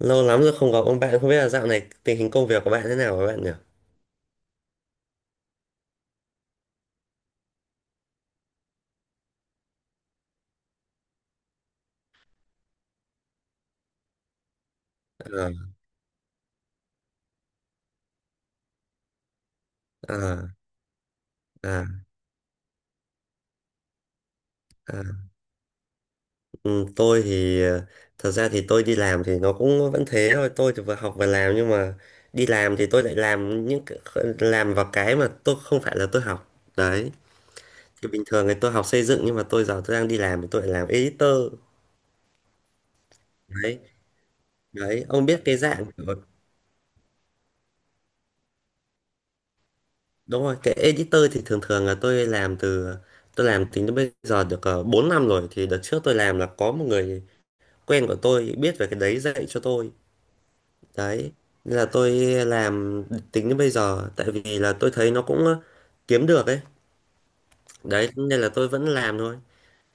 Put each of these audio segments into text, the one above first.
Lâu lắm rồi không gặp ông bạn, không biết là dạo này tình hình công việc của bạn thế nào với bạn nhỉ? Ờ, à, à, à. Ừ, tôi thì thật ra thì tôi đi làm thì nó cũng vẫn thế thôi, tôi thì vừa học vừa làm nhưng mà đi làm thì tôi lại làm vào cái mà tôi không phải là tôi học. Đấy, thì bình thường thì tôi học xây dựng nhưng mà tôi giờ tôi đang đi làm thì tôi lại làm editor. Đấy, đấy, ông biết cái dạng của- đúng rồi, cái editor thì thường thường là tôi làm tính đến bây giờ được 4 năm rồi. Thì đợt trước tôi làm là có một người quen của tôi biết về cái đấy dạy cho tôi, đấy nên là tôi làm tính đến bây giờ tại vì là tôi thấy nó cũng kiếm được ấy. Đấy nên là tôi vẫn làm thôi.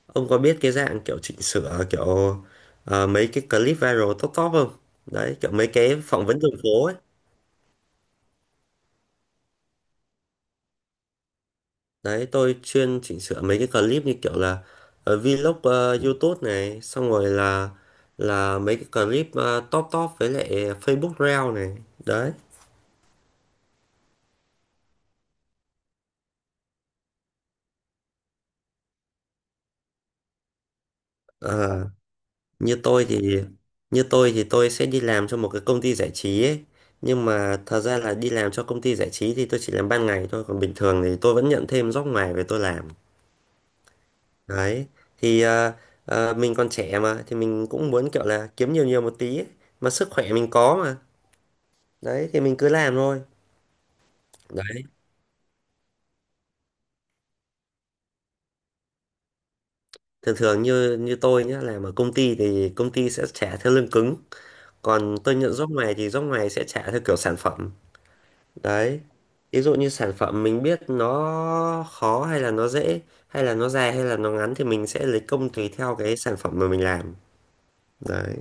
Ông có biết cái dạng kiểu chỉnh sửa kiểu mấy cái clip viral top top không? Đấy kiểu mấy cái phỏng vấn đường phố ấy. Đấy, tôi chuyên chỉnh sửa mấy cái clip như kiểu là vlog, YouTube này, xong rồi là mấy cái clip top top với lại Facebook Reel này. Đấy. Ờ. như tôi thì như tôi thì tôi sẽ đi làm cho một cái công ty giải trí ấy, nhưng mà thật ra là đi làm cho công ty giải trí thì tôi chỉ làm ban ngày thôi, còn bình thường thì tôi vẫn nhận thêm job ngoài về tôi làm. Đấy, thì mình còn trẻ mà thì mình cũng muốn kiểu là kiếm nhiều nhiều một tí ấy. Mà sức khỏe mình có mà, đấy thì mình cứ làm thôi. Đấy, thường thường như như tôi nhá, làm ở công ty thì công ty sẽ trả theo lương cứng, còn tôi nhận job ngoài thì job ngoài sẽ trả theo kiểu sản phẩm. Đấy, ví dụ như sản phẩm mình biết nó khó hay là nó dễ, hay là nó dài hay là nó ngắn, thì mình sẽ lấy công tùy theo cái sản phẩm mà mình làm. Đấy.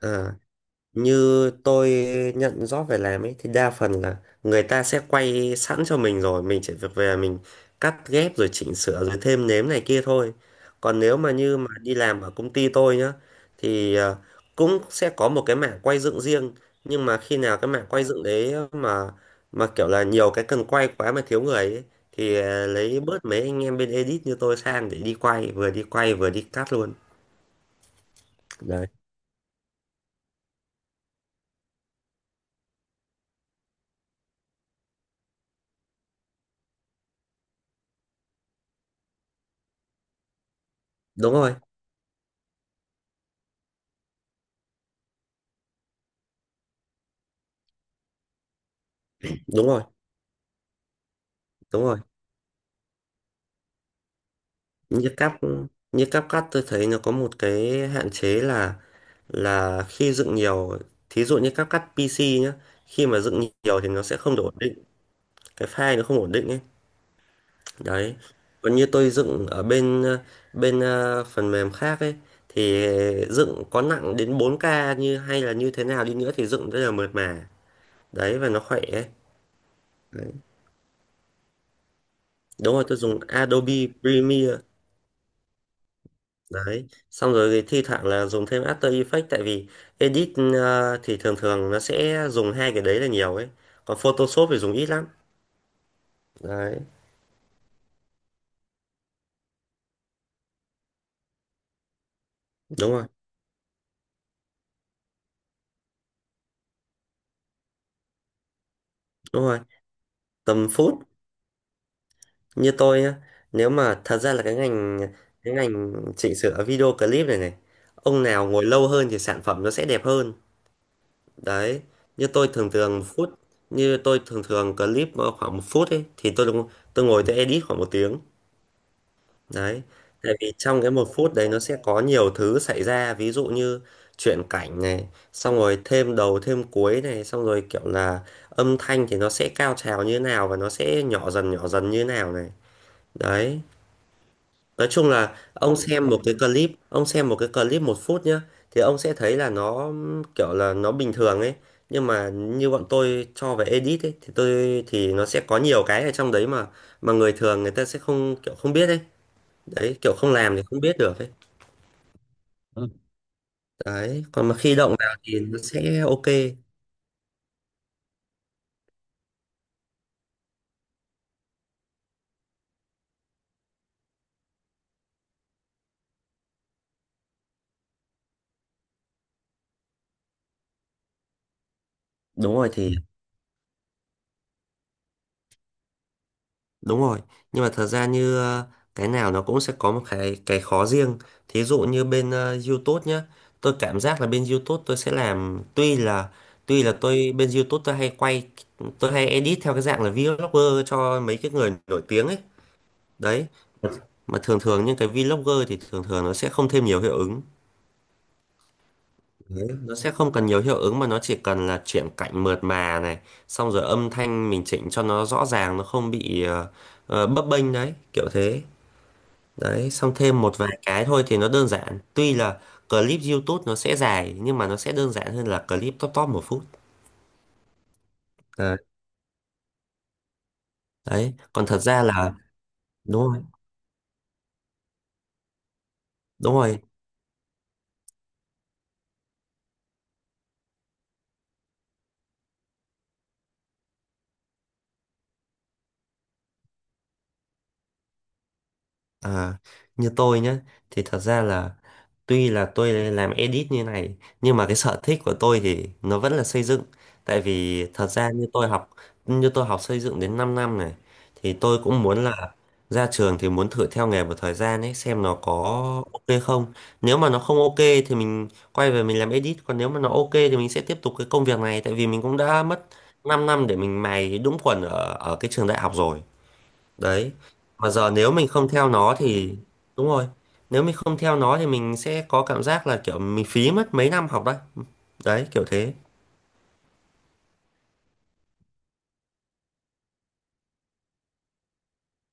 À. Như tôi nhận job về làm ấy thì đa phần là người ta sẽ quay sẵn cho mình rồi, mình chỉ việc về mình cắt ghép rồi chỉnh sửa rồi thêm nếm này kia thôi. Còn nếu mà như mà đi làm ở công ty tôi nhá, thì cũng sẽ có một cái mảng quay dựng riêng, nhưng mà khi nào cái mảng quay dựng đấy mà kiểu là nhiều cái cần quay quá mà thiếu người ấy, thì lấy bớt mấy anh em bên edit như tôi sang để đi quay, vừa đi quay vừa đi cắt luôn. Đấy. Đúng rồi, đúng rồi, đúng rồi. Như cáp như cáp cắt tôi thấy nó có một cái hạn chế là khi dựng nhiều, thí dụ như cáp cắt PC nhá, khi mà dựng nhiều thì nó sẽ không được ổn định, cái file nó không ổn định ấy. Đấy, còn như tôi dựng ở bên phần mềm khác ấy, thì dựng có nặng đến 4K, như hay là như thế nào đi nữa thì dựng rất là mượt mà. Đấy, và nó khỏe ấy. Đấy. Đúng rồi, tôi dùng Adobe Premiere. Đấy, xong rồi thì thi thoảng là dùng thêm After Effects, tại vì edit thì thường thường nó sẽ dùng hai cái đấy là nhiều ấy. Còn Photoshop thì dùng ít lắm. Đấy, đúng rồi, đúng rồi. Tầm phút, như tôi nhá, nếu mà thật ra là cái ngành chỉnh sửa video clip này này, ông nào ngồi lâu hơn thì sản phẩm nó sẽ đẹp hơn. Đấy, như tôi thường thường phút, như tôi thường thường clip khoảng 1 phút ấy thì tôi ngồi tôi edit khoảng 1 tiếng. Đấy, tại vì trong cái 1 phút đấy nó sẽ có nhiều thứ xảy ra, ví dụ như chuyển cảnh này, xong rồi thêm đầu thêm cuối này, xong rồi kiểu là âm thanh thì nó sẽ cao trào như nào và nó sẽ nhỏ dần như nào này. Đấy, nói chung là ông xem một cái clip 1 phút nhá, thì ông sẽ thấy là nó kiểu là nó bình thường ấy, nhưng mà như bọn tôi cho về edit ấy thì tôi thì nó sẽ có nhiều cái ở trong đấy mà người thường người ta sẽ không kiểu không biết ấy. Đấy, kiểu không làm thì không biết được ấy. Đấy còn mà khi động vào thì nó sẽ ok. Đúng rồi, thì đúng rồi, nhưng mà thật ra như cái nào nó cũng sẽ có một cái khó riêng. Thí dụ như bên YouTube nhá, tôi cảm giác là bên YouTube tôi sẽ làm, tuy là tôi bên YouTube tôi hay edit theo cái dạng là vlogger cho mấy cái người nổi tiếng ấy. Đấy, mà thường thường những cái vlogger thì thường thường nó sẽ không thêm nhiều hiệu ứng, nó sẽ không cần nhiều hiệu ứng, mà nó chỉ cần là chuyển cảnh mượt mà này, xong rồi âm thanh mình chỉnh cho nó rõ ràng, nó không bị bấp bênh. Đấy kiểu thế. Đấy, xong thêm một vài cái thôi thì nó đơn giản, tuy là clip YouTube nó sẽ dài nhưng mà nó sẽ đơn giản hơn là clip top top 1 phút. Đấy. Đấy. Còn thật ra là đúng rồi, đúng rồi. À, như tôi nhé, thì thật ra là tuy là tôi làm edit như này nhưng mà cái sở thích của tôi thì nó vẫn là xây dựng. Tại vì thật ra như tôi học xây dựng đến 5 năm này, thì tôi cũng muốn là ra trường thì muốn thử theo nghề một thời gian ấy xem nó có ok không. Nếu mà nó không ok thì mình quay về mình làm edit, còn nếu mà nó ok thì mình sẽ tiếp tục cái công việc này, tại vì mình cũng đã mất 5 năm để mình mài đúng quần ở ở cái trường đại học rồi. Đấy mà giờ nếu mình không theo nó thì đúng rồi, nếu mình không theo nó thì mình sẽ có cảm giác là kiểu mình phí mất mấy năm học đấy. Đấy kiểu thế.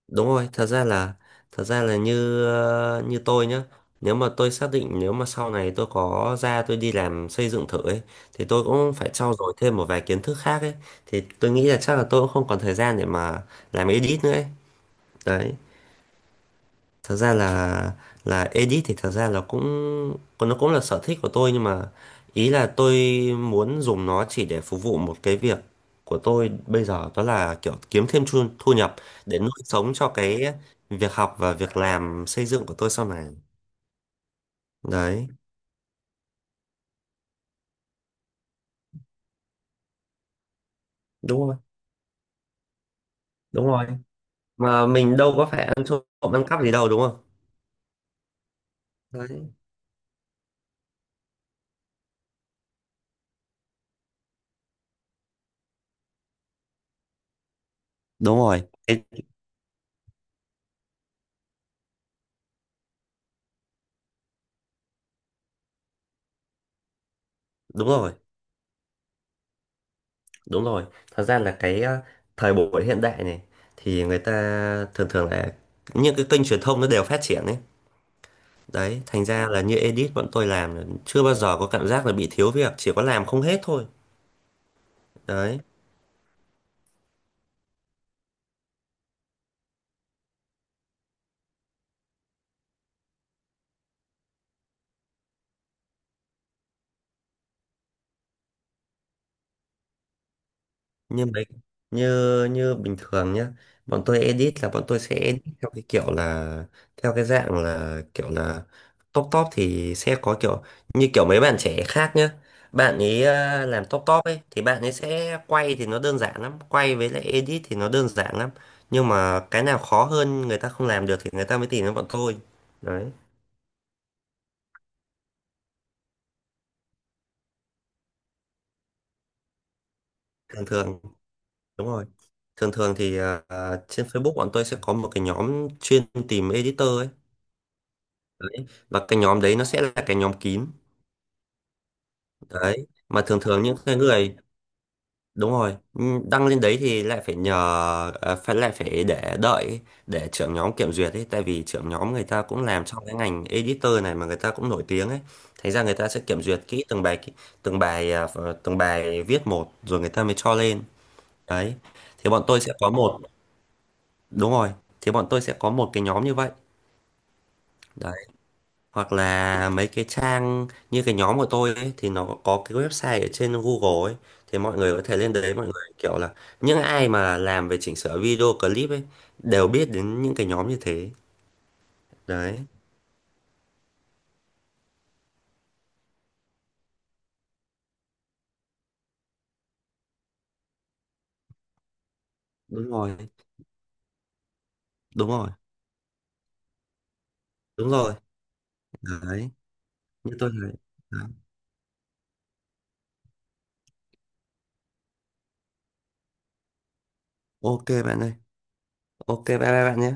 Đúng rồi. Thật ra là như như tôi nhá, nếu mà tôi xác định nếu mà sau này tôi có ra tôi đi làm xây dựng thử ấy, thì tôi cũng phải trau dồi thêm một vài kiến thức khác ấy, thì tôi nghĩ là chắc là tôi cũng không còn thời gian để mà làm edit nữa ấy. Đấy, thật ra là edit thì thật ra là cũng nó cũng là sở thích của tôi, nhưng mà ý là tôi muốn dùng nó chỉ để phục vụ một cái việc của tôi bây giờ, đó là kiểu kiếm thêm thu nhập để nuôi sống cho cái việc học và việc làm xây dựng của tôi sau này. Đấy, đúng rồi, đúng rồi, mà mình đâu có phải ăn trộm ăn cắp gì đâu, đúng không? Đấy, đúng rồi. Cái- đúng rồi. Đúng rồi, thật ra là cái thời buổi hiện đại này thì người ta thường thường là những cái kênh truyền thông nó đều phát triển ấy. Đấy, thành ra là như edit bọn tôi làm là chưa bao giờ có cảm giác là bị thiếu việc, chỉ có làm không hết thôi. Đấy. Như mấy như như bình thường nhá, bọn tôi edit là bọn tôi sẽ edit theo cái kiểu là theo cái dạng là kiểu là top top thì sẽ có kiểu như kiểu mấy bạn trẻ khác nhá, bạn ấy làm top top ấy thì bạn ấy sẽ quay thì nó đơn giản lắm, quay với lại edit thì nó đơn giản lắm, nhưng mà cái nào khó hơn người ta không làm được thì người ta mới tìm đến bọn tôi. Đấy, thường thường đúng rồi, thường thường thì trên Facebook bọn tôi sẽ có một cái nhóm chuyên tìm editor ấy. Đấy. Và cái nhóm đấy nó sẽ là cái nhóm kín. Đấy, mà thường thường những cái người đúng rồi, ừ, đăng lên đấy thì lại phải nhờ phải lại phải để đợi ấy, để trưởng nhóm kiểm duyệt ấy, tại vì trưởng nhóm người ta cũng làm trong cái ngành editor này mà người ta cũng nổi tiếng ấy, thành ra người ta sẽ kiểm duyệt kỹ từng bài từng bài từng bài viết một rồi người ta mới cho lên. Đấy thì bọn tôi sẽ có một đúng rồi, thì bọn tôi sẽ có một cái nhóm như vậy, hoặc là mấy cái trang như cái nhóm của tôi ấy, thì nó có cái website ở trên Google ấy, thì mọi người có thể lên đấy mọi người kiểu là những ai mà làm về chỉnh sửa video clip ấy đều biết đến những cái nhóm như thế. Đấy, đúng rồi, đúng rồi, đúng rồi. Đấy, như tôi này. Đấy. Ok bạn ơi, ok bye bye bạn nhé.